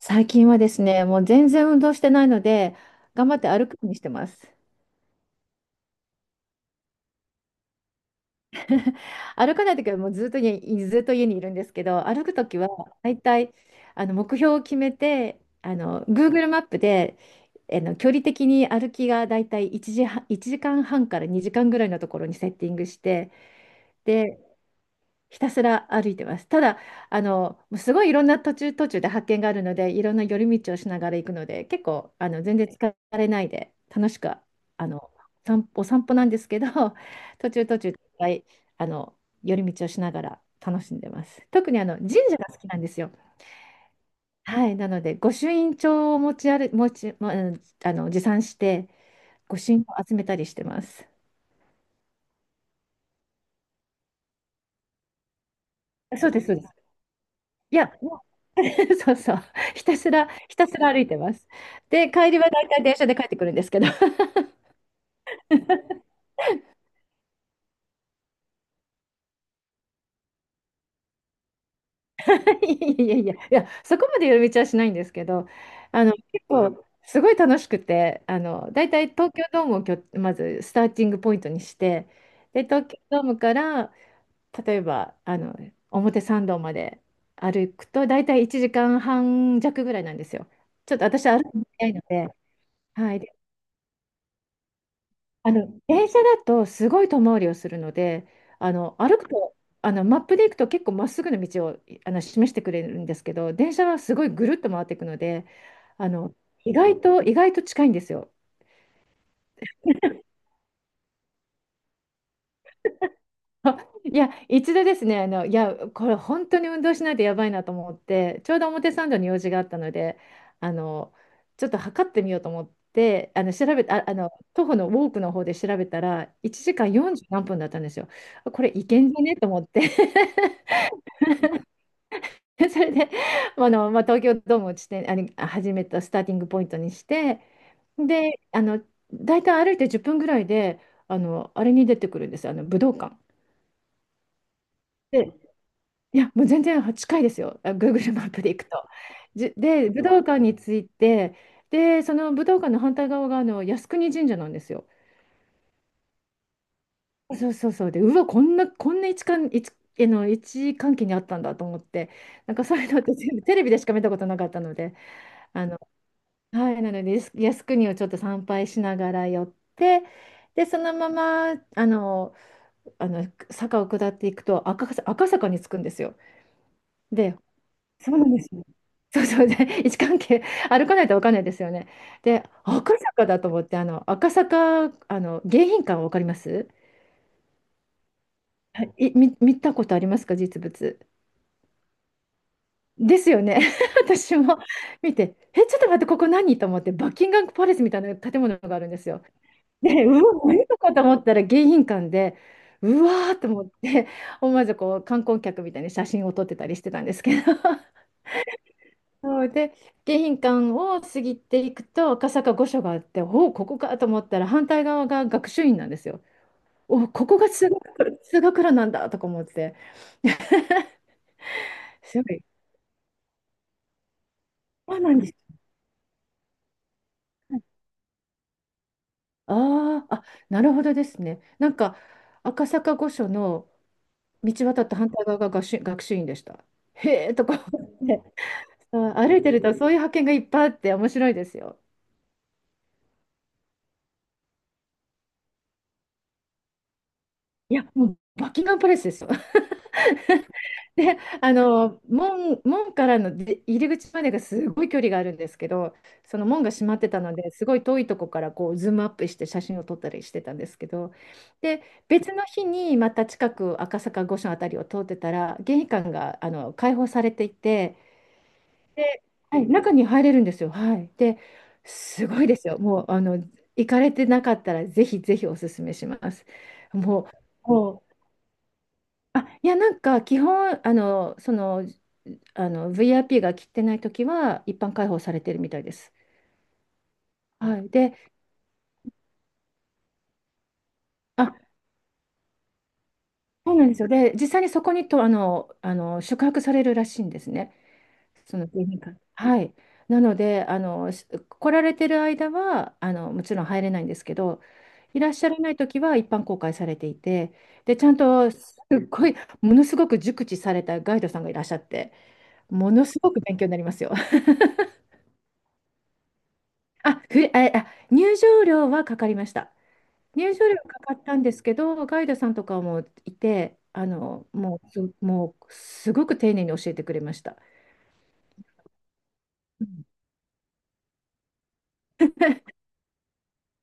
最近はですね、もう全然運動してないので、頑張って歩くようにしてます。歩かないときはもうずっと家にいるんですけど、歩くときは大体目標を決めて、Google マップで距離的に歩きが大体1時間半から2時間ぐらいのところにセッティングして、で、ひたすら歩いてます。ただ、もうすごいいろんな途中途中で発見があるので、いろんな寄り道をしながら行くので、結構、全然疲れないで、楽しく、お散歩なんですけど、途中途中、いっぱい、あの、寄り道をしながら楽しんでます。特に、神社が好きなんですよ。はい。なので、御朱印帳を持ち歩、持ち、も持参して、御朱印を集めたりしてます。そうです、そうです。いや、もう、 そうそう。ひたすら、ひたすら歩いてます。で、帰りは大体電車で帰ってくるんですけど。いやいやいや、いや、そこまで寄り道はしないんですけど、結構、すごい楽しくて、大体東京ドームをまずスターティングポイントにして、で、東京ドームから、例えば、表参道まで歩くと、大体1時間半弱ぐらいなんですよ。ちょっと私は歩くの早いので。はい。電車だとすごい遠回りをするので、歩くと、マップで行くと結構まっすぐの道を示してくれるんですけど、電車はすごいぐるっと回っていくので、あの、意外と、意外と近いんですよ。いや、一度ですね、いや、これ本当に運動しないとやばいなと思って、ちょうど表参道に用事があったので、あの、ちょっと測ってみようと思って、あの、調べた、あ、あの、徒歩のウォークの方で調べたら、1時間40何分だったんですよ。これいけんじゃねと思って。 それで、まあ、東京ドームを地点、あれ、始めたスターティングポイントにして、で、大体歩いて10分ぐらいで、あれに出てくるんです、武道館。で、いや、もう全然近いですよ、Google マップで行くと。で、武道館に着いて、で、その武道館の反対側が、靖国神社なんですよ。そうそうそう。で、うわ、こんな、こんな位置関係にあったんだと思って、なんかそういうのって全部テレビでしか見たことなかったので。あのはい、なので、靖国をちょっと参拝しながら寄って、で、そのまま、あの、坂を下っていくと赤坂に着くんですよ。で、そうなんですよ。そうそう、で、位置関係、歩かないと分かんないですよね。で、赤坂だと思って、赤坂、迎賓館分かります？はい、見たことありますか、実物。ですよね。私も見て、え、ちょっと待って、ここ何と思って、バッキンガムパレスみたいな建物があるんですよ。で、うわ、何とかと思ったら迎賓館で、うわーと思って、思わずこう観光客みたいに写真を撮ってたりしてたんですけど、そうで、迎賓館を過ぎていくと、赤坂御所があって、おお、ここかと思ったら、反対側が学習院なんですよ。おお、ここが通学路なんだとか思って、すごい、あ、なんです。あーあ、なるほどですね。なんか、赤坂御所の道渡った反対側が学習院でした。へえとか思って。うん、歩いてるとそういう発見がいっぱいあって面白いですよ。いや、もうバッキンガムパレスですよ。で、門からの出入り口までがすごい距離があるんですけど、その門が閉まってたので、すごい遠いとこからこうズームアップして写真を撮ったりしてたんですけど、で、別の日にまた近く赤坂御所あたりを通ってたら、迎賓館が開放されていて、で、はい、中に入れるんですよ。はい。で、すごいですよ。もう、行かれてなかったら、ぜひぜひおすすめします。もう、もう、いや、なんか、基本、VIP が切ってないときは、一般開放されてるみたいです。はい。で、あ、そうなんですよ。で、実際にそこにと、あの、あの、宿泊されるらしいんですね。その製品館。はい。なので、来られてる間は、もちろん入れないんですけど、いらっしゃらない時は一般公開されていて、で、ちゃんと、すっごい、ものすごく熟知されたガイドさんがいらっしゃって、ものすごく勉強になりますよ。あ、ふれ、あ、あ入場料はかかりました。入場料かかったんですけど、ガイドさんとかもいて、もう、すごく丁寧に教えてくれました。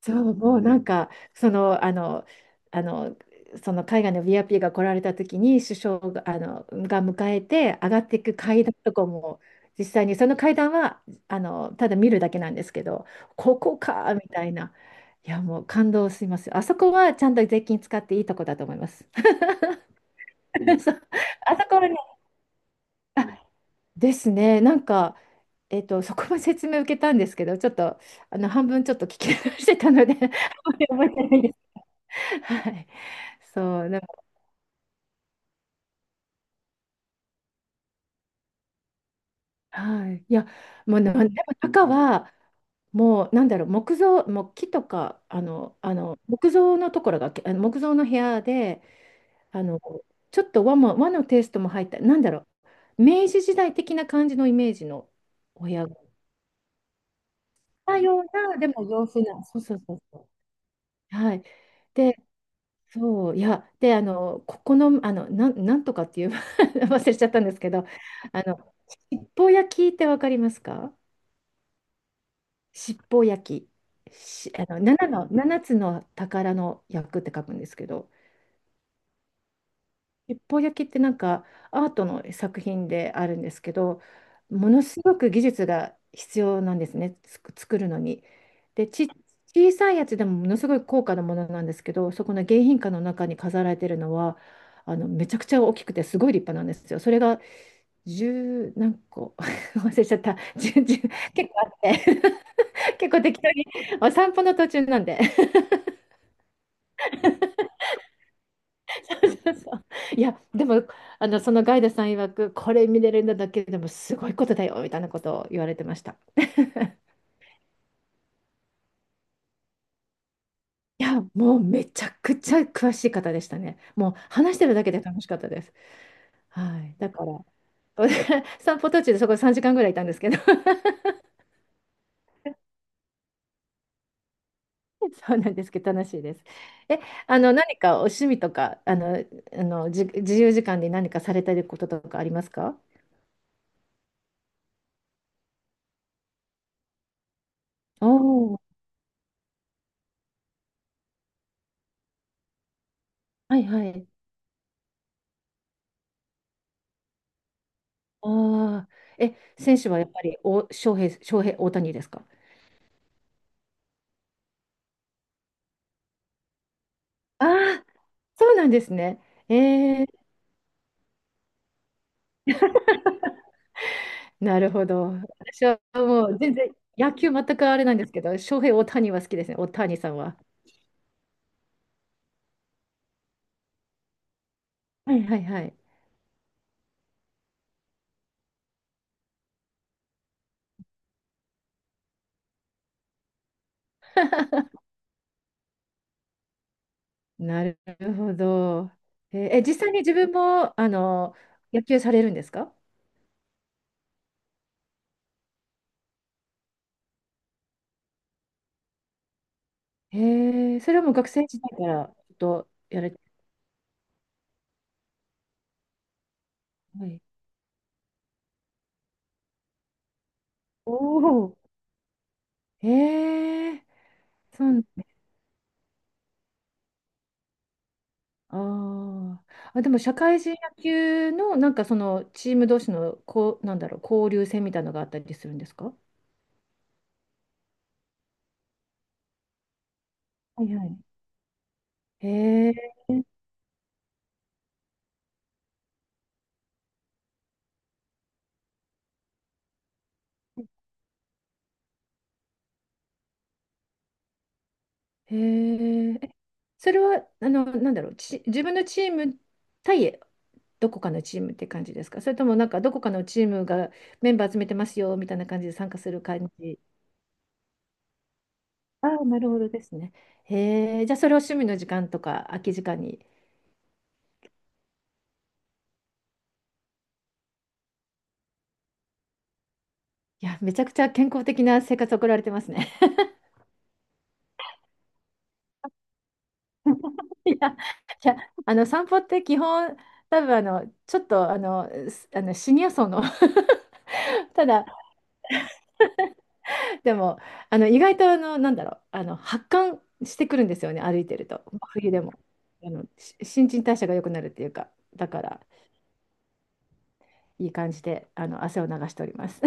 そう、もうなんか、その、あの、その海外の VIP が来られた時に首相が、迎えて上がっていく階段とかも、実際にその階段はただ見るだけなんですけど、ここかみたいな。いや、もう感動します。あそこはちゃんと税金使っていいとこだと思います。 そう、あそこはね、あ、ですね、なんか、そこも説明受けたんですけど、ちょっと半分ちょっと聞き流してたので、 あんまり覚えてないです。はい。そう、でも、はい。いや、もうでも中は、もう、なんだろう、木造、木とか、木造のところが、木造の部屋で、あの、ちょっと和のテイストも入った、なんだろう、明治時代的な感じのイメージのお部屋が、たような、でも洋風な、そうそうそうそう。はい。で、そう、いや、で、ここの、なんとかっていう 忘れちゃったんですけど、あの、七宝焼きってわかりますか？七宝焼き、し、あの、7の、7つの宝の焼くって書くんですけど、七宝焼きってなんかアートの作品であるんですけど、ものすごく技術が必要なんですね、作るのに。で、小さいやつでもものすごい高価なものなんですけど、そこの迎賓館の中に飾られてるのは、めちゃくちゃ大きくてすごい立派なんですよ。それが十何個、 忘れちゃった。10結構あって。 結構適当にお散歩の途中なんで。いや、でも、そのガイドさん曰く、これ見れるんだだけでもすごいことだよ、みたいなことを言われてました。いや、もうめちゃくちゃ詳しい方でしたね。もう話してるだけで楽しかったです。はい。だから、散歩途中でそこ3時間ぐらいいたんですけど。 そうなんですけど、楽しいです。え、何かお趣味とか、自由時間で何かされたいこととかありますか？おおー、はいはい。ああ、え、選手はやっぱり翔平、大谷ですか？ああ、そうなんですね。えー、なるほど。私はもう全然野球全くあれなんですけど、翔平、大谷は好きですね、大谷さんは。はいはいはい。なるほど。えーえ実際に自分も野球されるんですか？えそれはもう学生時代からちょっとやれて。はい、おお、えー、そう、あーあ、でも社会人野球のなんかそのチーム同士のこう、なんだろう、交流戦みたいなのがあったりするんですか？はいはい。へえ、へーえ、それは、なんだろう、自分のチーム対どこかのチームって感じですか？それともなんかどこかのチームがメンバー集めてますよみたいな感じで参加する感じ。ああ、なるほどですね。へえ、じゃあそれを趣味の時間とか空き時間に。いや、めちゃくちゃ健康的な生活を送られてますね。いや、いや、散歩って基本、多分ちょっとすあのシニア層の。 ただでも、意外と、なんだろう、発汗してくるんですよね、歩いてると。冬でも新陳代謝が良くなるっていうか、だからいい感じで汗を流しております。